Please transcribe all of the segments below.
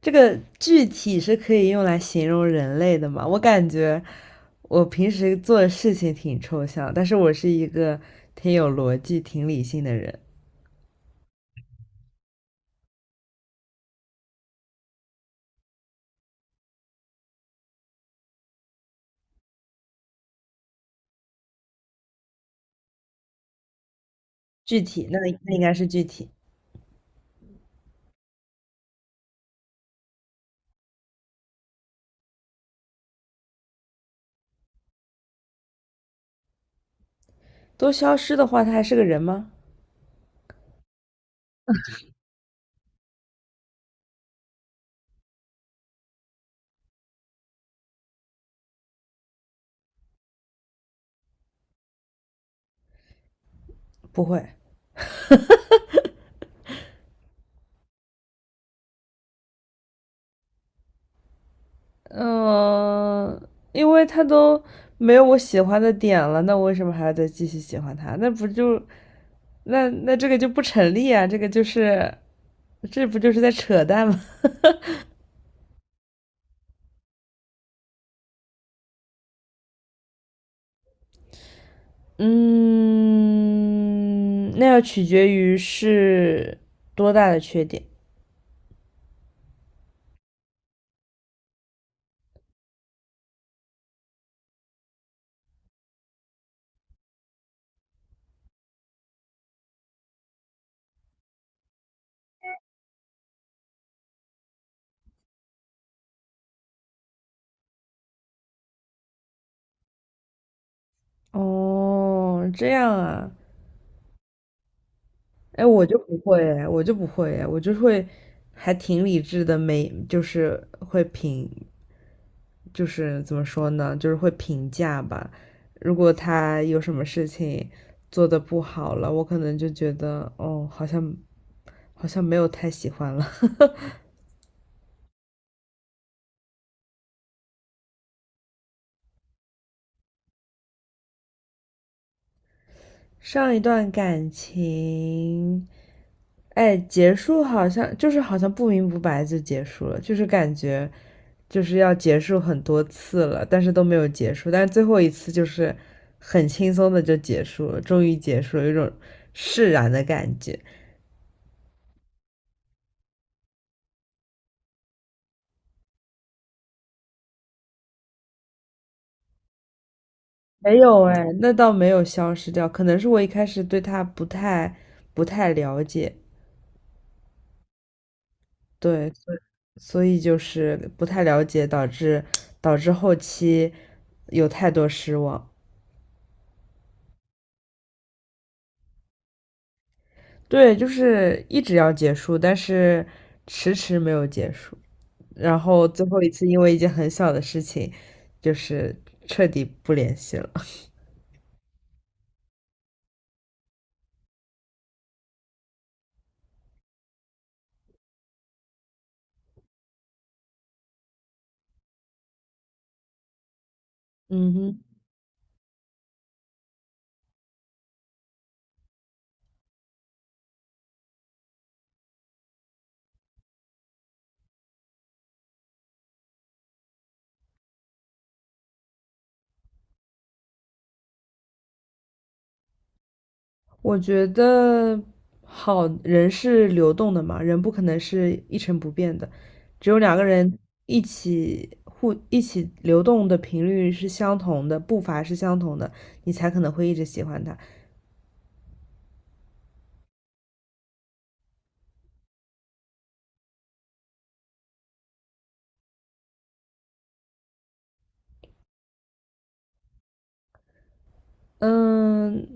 这个具体是可以用来形容人类的吗？我感觉我平时做的事情挺抽象，但是我是一个挺有逻辑、挺理性的人。具体，那应该是具体。都消失的话，他还是个人吗？不会。嗯、因为他都没有我喜欢的点了，那我为什么还要再继续喜欢他？那不就那那这个就不成立啊？这不就是在扯淡吗？嗯，那要取决于是多大的缺点。哦，这样啊，哎，我就不会，哎，我就不会，哎，我就会还挺理智的，没，就是就是怎么说呢，就是会评价吧。如果他有什么事情做的不好了，我可能就觉得，哦，好像没有太喜欢了。上一段感情。哎，结束好像就是好像不明不白就结束了，就是感觉就是要结束很多次了，但是都没有结束，但是最后一次就是很轻松的就结束了，终于结束了，有一种释然的感觉。没有哎，那倒没有消失掉，可能是我一开始对他不太了解，对，所以就是不太了解，导致后期有太多失望。对，就是一直要结束，但是迟迟没有结束。然后最后一次因为一件很小的事情，就是彻底不联系了。嗯哼，我觉得好，人是流动的嘛，人不可能是一成不变的，只有两个人一起流动的频率是相同的，步伐是相同的，你才可能会一直喜欢他。嗯，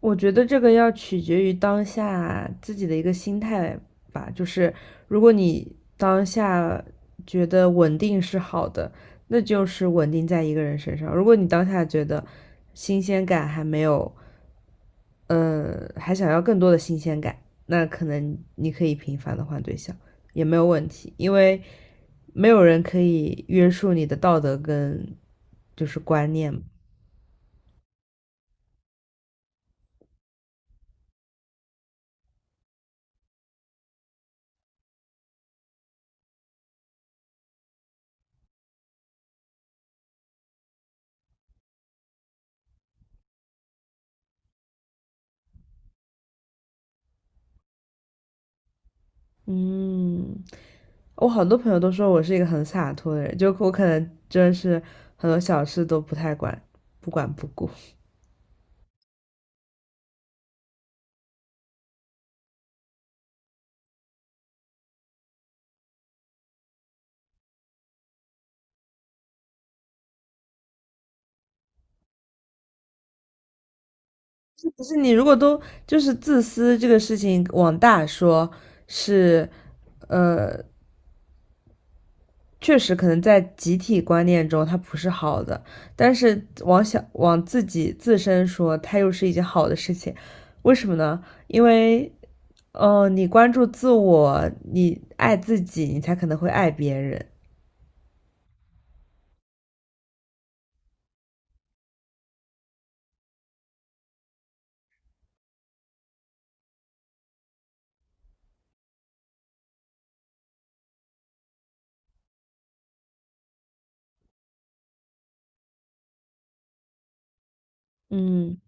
我觉得这个要取决于当下自己的一个心态吧。就是如果你当下觉得稳定是好的，那就是稳定在一个人身上；如果你当下觉得新鲜感还没有，嗯，还想要更多的新鲜感，那可能你可以频繁的换对象，也没有问题，因为没有人可以约束你的道德跟就是观念嘛嗯。我好多朋友都说我是一个很洒脱的人，就我可能真的是很多小事都不太管，不管不顾。就是你如果都就是自私这个事情往大说，是，呃，确实可能在集体观念中它不是好的，但是往小往自己自身说，它又是一件好的事情。为什么呢？因为，你关注自我，你爱自己，你才可能会爱别人。嗯。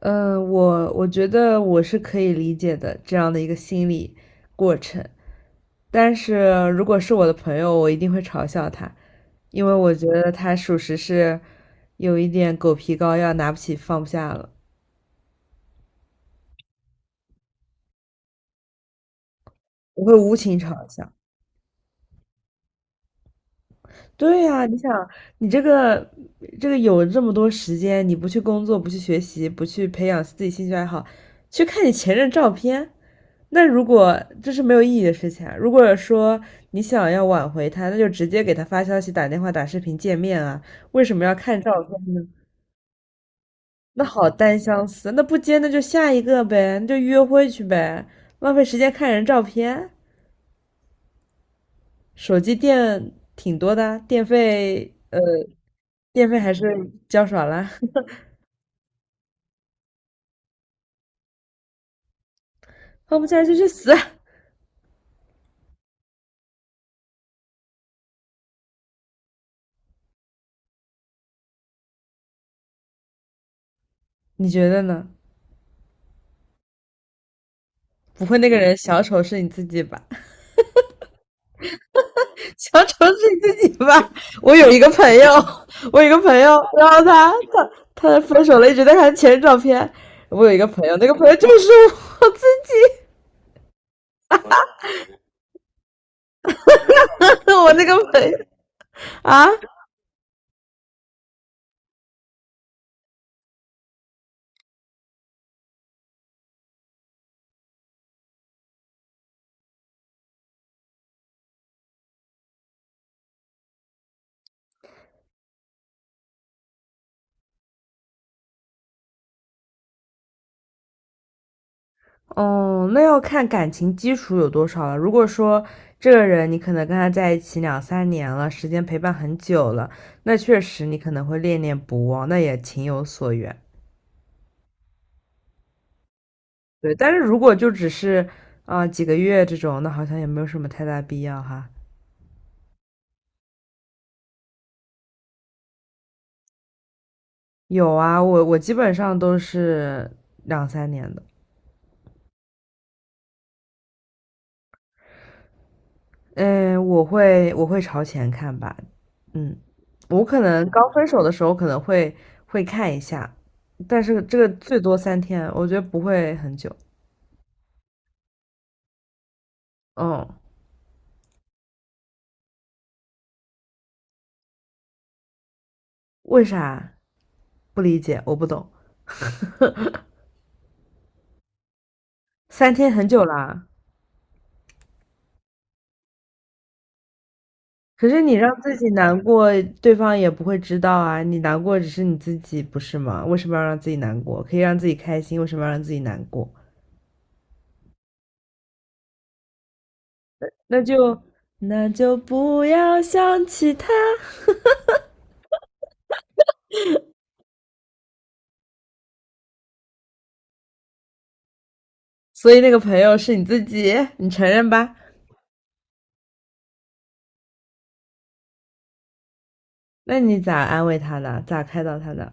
嗯，我觉得我是可以理解的这样的一个心理过程，但是如果是我的朋友，我一定会嘲笑他，因为我觉得他属实是有一点狗皮膏药，拿不起放不下了，我会无情嘲笑。对呀，你想，你这个有这么多时间，你不去工作，不去学习，不去培养自己兴趣爱好，去看你前任照片，那如果这是没有意义的事情啊，如果说你想要挽回他，那就直接给他发消息、打电话、打视频见面啊，为什么要看照片呢？那好单相思，那不接那就下一个呗，那就约会去呗，浪费时间看人照片，手机电挺多的啊电费电费还是交少了，放不下来就去死啊，你觉得呢？不会那个人小丑是你自己吧？小丑是你自己吧？我有一个朋友，我有一个朋友，然后他分手了，一直在看前任照片。我有一个朋友，那个朋友就是我自己，我那个朋友啊，哦，那要看感情基础有多少了。如果说这个人你可能跟他在一起两三年了，时间陪伴很久了，那确实你可能会恋恋不忘，那也情有所原。对，但是如果就只是几个月这种，那好像也没有什么太大必要哈。有啊，我基本上都是两三年的。嗯，我会朝前看吧。嗯，我可能刚分手的时候可能会看一下，但是这个最多三天，我觉得不会很久。嗯，为啥？不理解，我不懂。三天很久啦，可是你让自己难过，对方也不会知道啊。你难过只是你自己，不是吗？为什么要让自己难过？可以让自己开心，为什么要让自己难过？那就那就不要想起他。所以那个朋友是你自己，你承认吧？那你咋安慰他的？咋开导他的？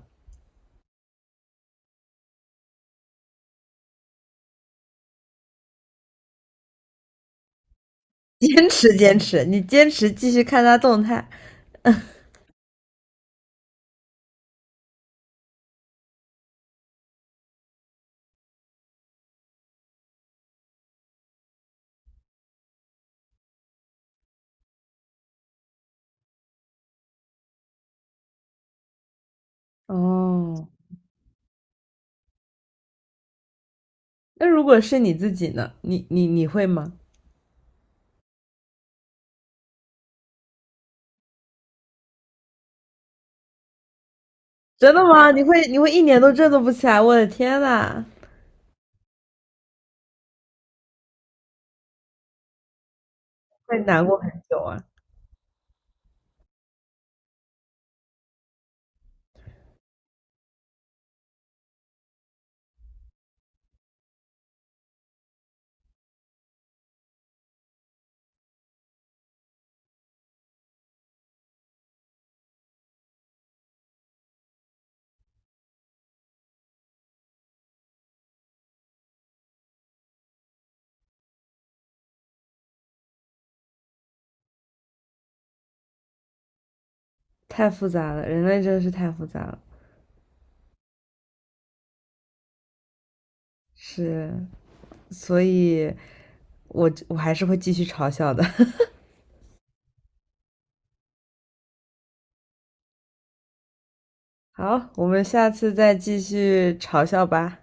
坚持，坚持，你坚持继续看他动态。哦，那如果是你自己呢？你会吗？真的吗？你会一年都振作不起来？我的天呐，会难过很久啊！太复杂了，人类真的是太复杂了。是，所以我还是会继续嘲笑的。好，我们下次再继续嘲笑吧。